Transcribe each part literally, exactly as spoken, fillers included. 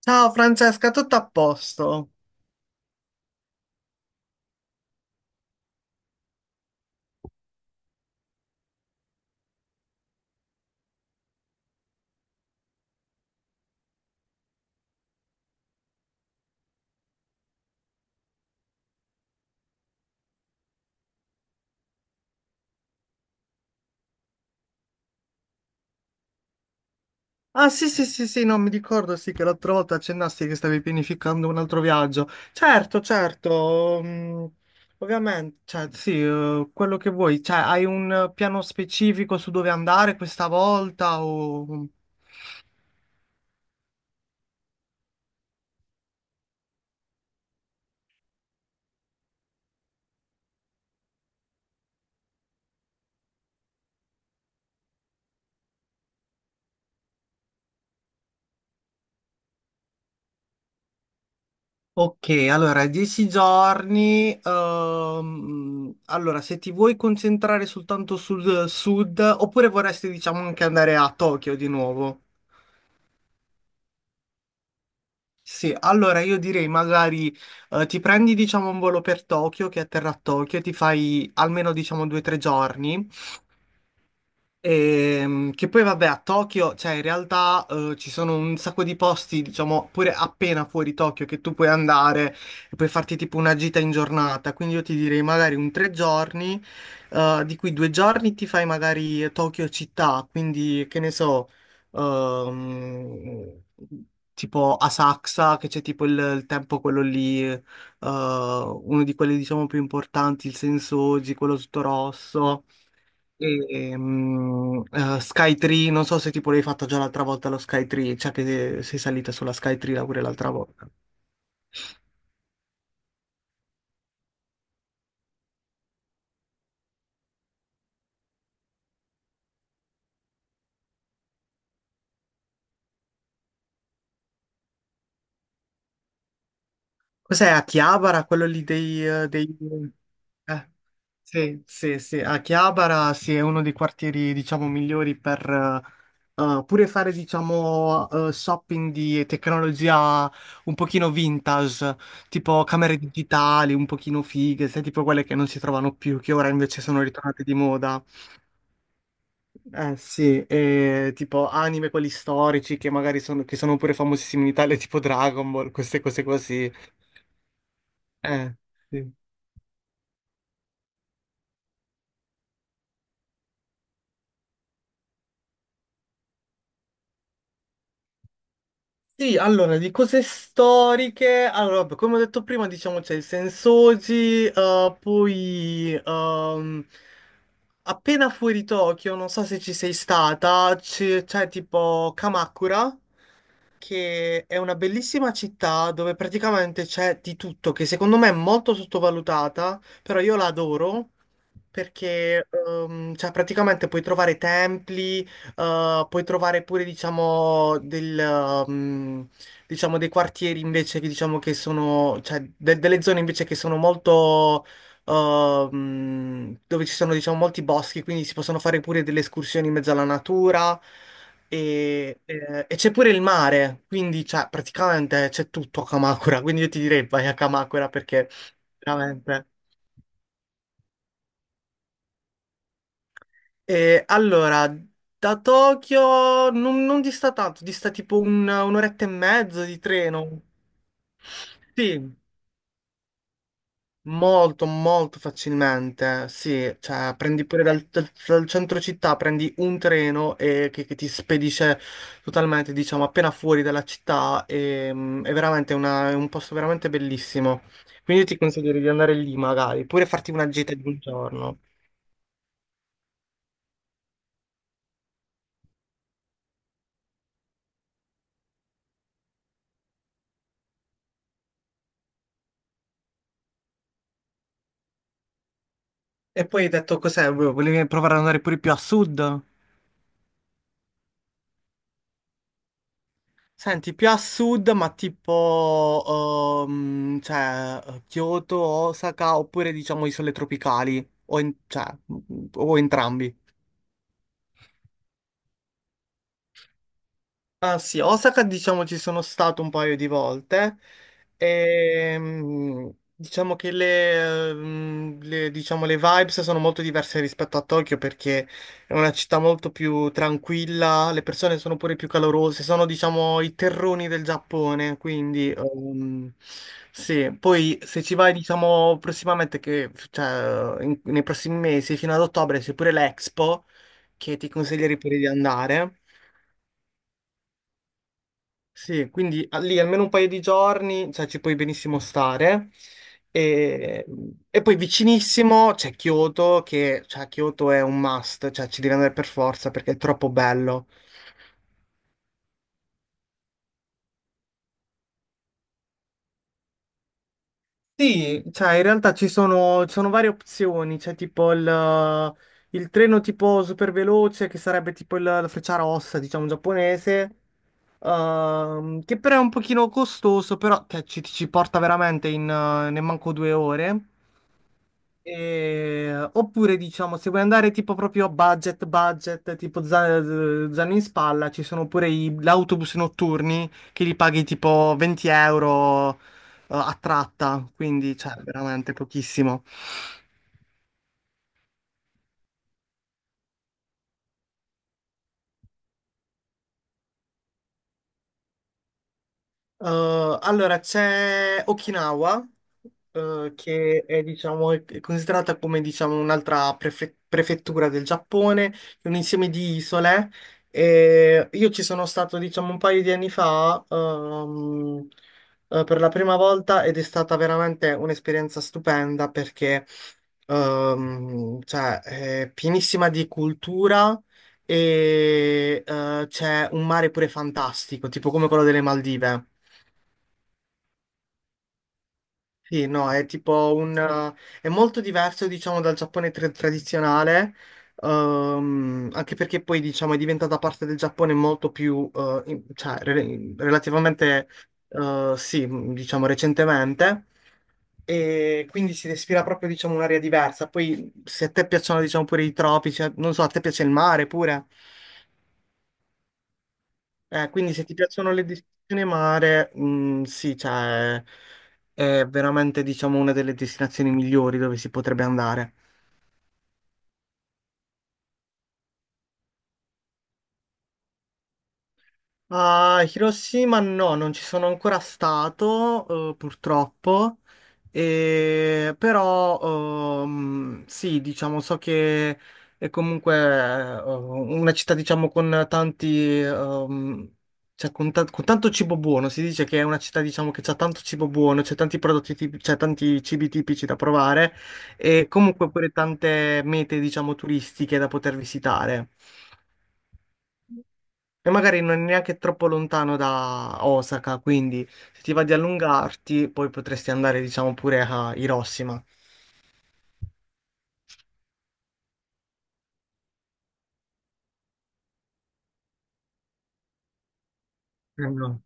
Ciao Francesca, tutto a posto? Ah, sì, sì, sì, sì, non mi ricordo, sì che l'altra volta accennasti che stavi pianificando un altro viaggio. Certo, certo, mm, ovviamente, cioè sì, eh, quello che vuoi, cioè hai un eh, piano specifico su dove andare questa volta o... Ok, allora, dieci giorni. ehm, allora, se ti vuoi concentrare soltanto sul sud, oppure vorresti, diciamo, anche andare a Tokyo di nuovo? Sì, allora io direi magari eh, ti prendi diciamo un volo per Tokyo che atterra a Tokyo, ti fai almeno diciamo due o tre giorni. Ehm, che poi vabbè a Tokyo, cioè in realtà eh, ci sono un sacco di posti, diciamo, pure appena fuori Tokyo che tu puoi andare e puoi farti tipo una gita in giornata. Quindi io ti direi magari un tre giorni, eh, di cui due giorni ti fai magari Tokyo città, quindi che ne so, ehm, tipo Asakusa, che c'è tipo il, il tempio quello lì, eh, uno di quelli diciamo più importanti, il Sensoji, quello tutto rosso. E, mm, eh, Skytree, non so se tipo l'hai fatta già l'altra volta lo Skytree, cioè che sei salita sulla Skytree là pure l'altra volta. Cos'è, a Chiabara, quello lì dei... eh, dei- eh, sì, sì, sì, a Chiabara sì, è uno dei quartieri diciamo migliori per eh, eh, pure fare diciamo eh, shopping di tecnologia un pochino vintage, tipo camere digitali un pochino fighe, sai, tipo quelle che non si trovano più, che ora invece sono ritornate di moda. Eh sì, e tipo anime quelli storici che magari sono, che sono pure famosissimi in Italia, tipo Dragon Ball, queste cose così. Eh, sì. Sì, allora, di cose storiche, allora, vabbè, come ho detto prima, diciamo c'è il Sensoji, eh, poi ehm, appena fuori Tokyo, non so se ci sei stata, c'è c'è tipo Kamakura, che è una bellissima città dove praticamente c'è di tutto, che secondo me è molto sottovalutata, però io la adoro perché ehm, cioè, praticamente puoi trovare templi, eh, puoi trovare pure, diciamo, del, mm, diciamo, dei quartieri invece che, diciamo, che sono, cioè, de- delle zone invece che sono molto, eh, mm, dove ci sono, diciamo, molti boschi, quindi si possono fare pure delle escursioni in mezzo alla natura e, eh, e c'è pure il mare, quindi, cioè, praticamente c'è tutto a Kamakura, quindi io ti direi vai a Kamakura perché veramente... Eh, allora, da Tokyo non, non dista tanto, dista tipo un- un'oretta e mezzo di treno. Sì, molto, molto facilmente. Sì, cioè prendi pure dal, dal- dal centro città, prendi un treno e, che, che ti spedisce totalmente, diciamo, appena fuori dalla città. E, mm, è veramente una- è un posto veramente bellissimo. Quindi io ti consiglio di andare lì magari, pure farti una gita di un giorno. E poi hai detto cos'è? Volevi provare ad andare pure più a sud? Senti, più a sud, ma tipo, ehm, cioè, Kyoto, Osaka, oppure diciamo isole tropicali, o, en- cioè, o entrambi. Ah sì, Osaka diciamo ci sono stato un paio di volte e mm, diciamo che le, eh, mm, le- diciamo, le vibes sono molto diverse rispetto a Tokyo perché è una città molto più tranquilla, le persone sono pure più calorose, sono diciamo i terroni del Giappone, quindi um, sì, poi se ci vai diciamo prossimamente, che, cioè, in- nei prossimi mesi fino ad ottobre c'è pure l'Expo che ti consiglierei pure di andare. Sì, quindi a- lì almeno un paio di giorni, cioè ci puoi benissimo stare. E, e poi vicinissimo c'è Kyoto, che cioè, Kyoto è un must, cioè ci devi andare per forza perché è troppo bello. Sì, cioè in realtà ci sono, ci sono varie opzioni, c'è tipo il, il treno tipo super veloce che sarebbe tipo il- la Frecciarossa, diciamo giapponese, ehm, che però è un pochino costoso, però che ci, ci porta veramente in, eh, ne manco due ore. Eh, oppure diciamo, se vuoi andare tipo proprio budget, budget, tipo za- zaino in spalla, ci sono pure i- gli autobus notturni che li paghi tipo venti euro eh, a tratta, quindi cioè veramente pochissimo. Eh, allora, c'è Okinawa, eh, che è, diciamo, è considerata come, diciamo, un'altra prefe- prefettura del Giappone, è un insieme di isole. E io ci sono stato, diciamo, un paio di anni fa, ehm, eh, per la prima volta ed è stata veramente un'esperienza stupenda perché ehm, cioè, è pienissima di cultura e, eh, c'è un mare pure fantastico, tipo come quello delle Maldive. Sì, no, è tipo un... eh, è molto diverso, diciamo, dal Giappone tra- tradizionale, ehm, anche perché poi, diciamo, è diventata parte del Giappone molto più, eh, in- cioè, re- relativamente, eh, sì, mh, diciamo, recentemente, e quindi si respira proprio, diciamo, un'aria diversa. Poi, se a te piacciono, diciamo, pure i tropici, eh, non so, a te piace il mare pure? Eh, quindi se ti piacciono le destinazioni mare, mh, sì, cioè, è veramente, diciamo, una delle destinazioni migliori dove si potrebbe andare. A Hiroshima no, non ci sono ancora stato, eh, purtroppo. E- però ehm, sì, diciamo, so che è comunque eh, una città, diciamo, con tanti, ehm, cioè con, ta- con tanto cibo buono, si dice che è una città, diciamo, che c'ha tanto cibo buono, c'è tanti prodotti tipici, c'è tanti cibi tipici da provare e comunque pure tante mete, diciamo, turistiche da poter visitare. E magari non è neanche troppo lontano da Osaka, quindi se ti va di allungarti, poi potresti andare, diciamo, pure a Hiroshima. Eh no.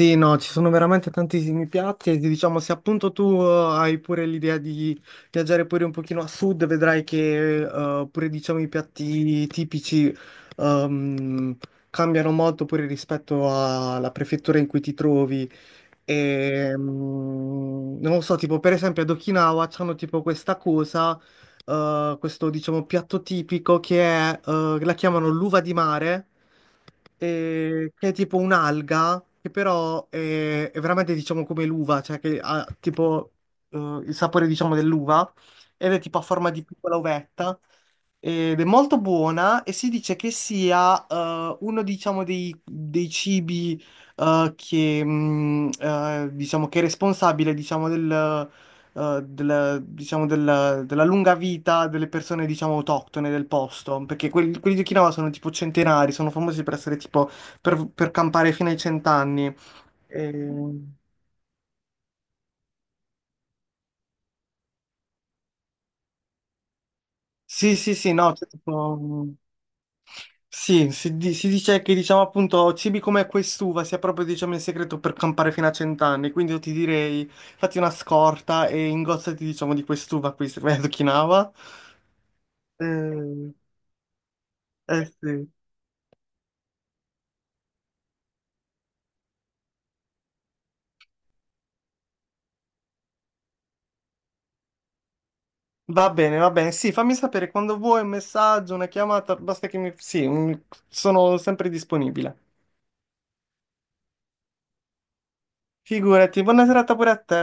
Sì, no, ci sono veramente tantissimi piatti e diciamo se appunto tu eh, hai pure l'idea di viaggiare pure un pochino a sud, vedrai che eh, pure diciamo i piatti tipici ehm, cambiano molto pure rispetto alla prefettura in cui ti trovi. E, mm, non lo so, tipo per esempio ad Okinawa hanno tipo questa cosa, eh, questo diciamo piatto tipico che è, eh, la chiamano l'uva di mare, eh, che è tipo un'alga, che però è, è veramente diciamo come l'uva, cioè che ha tipo eh, il sapore diciamo dell'uva ed è tipo a forma di piccola uvetta ed è molto buona e si dice che sia eh, uno diciamo dei, dei cibi eh, che mh, eh, diciamo che è responsabile diciamo, del, eh, della, diciamo, del- della lunga vita delle persone diciamo autoctone del posto, perché quelli, quelli di Okinawa sono tipo centenari, sono famosi per essere tipo per, per campare fino ai cent'anni. E- Sì, sì, sì, no, c'è tipo. mm, Sì, si, di- si dice che diciamo appunto cibi come quest'uva sia proprio diciamo il segreto per campare fino a cent'anni, quindi io ti direi fatti una scorta e ingozzati diciamo di quest'uva qui, se vai ad Okinawa. Eh, eh sì. Va bene, va bene, sì, fammi sapere quando vuoi un messaggio, una chiamata, basta che mi... Sì, un- sono sempre disponibile. Figurati, buona serata pure a te.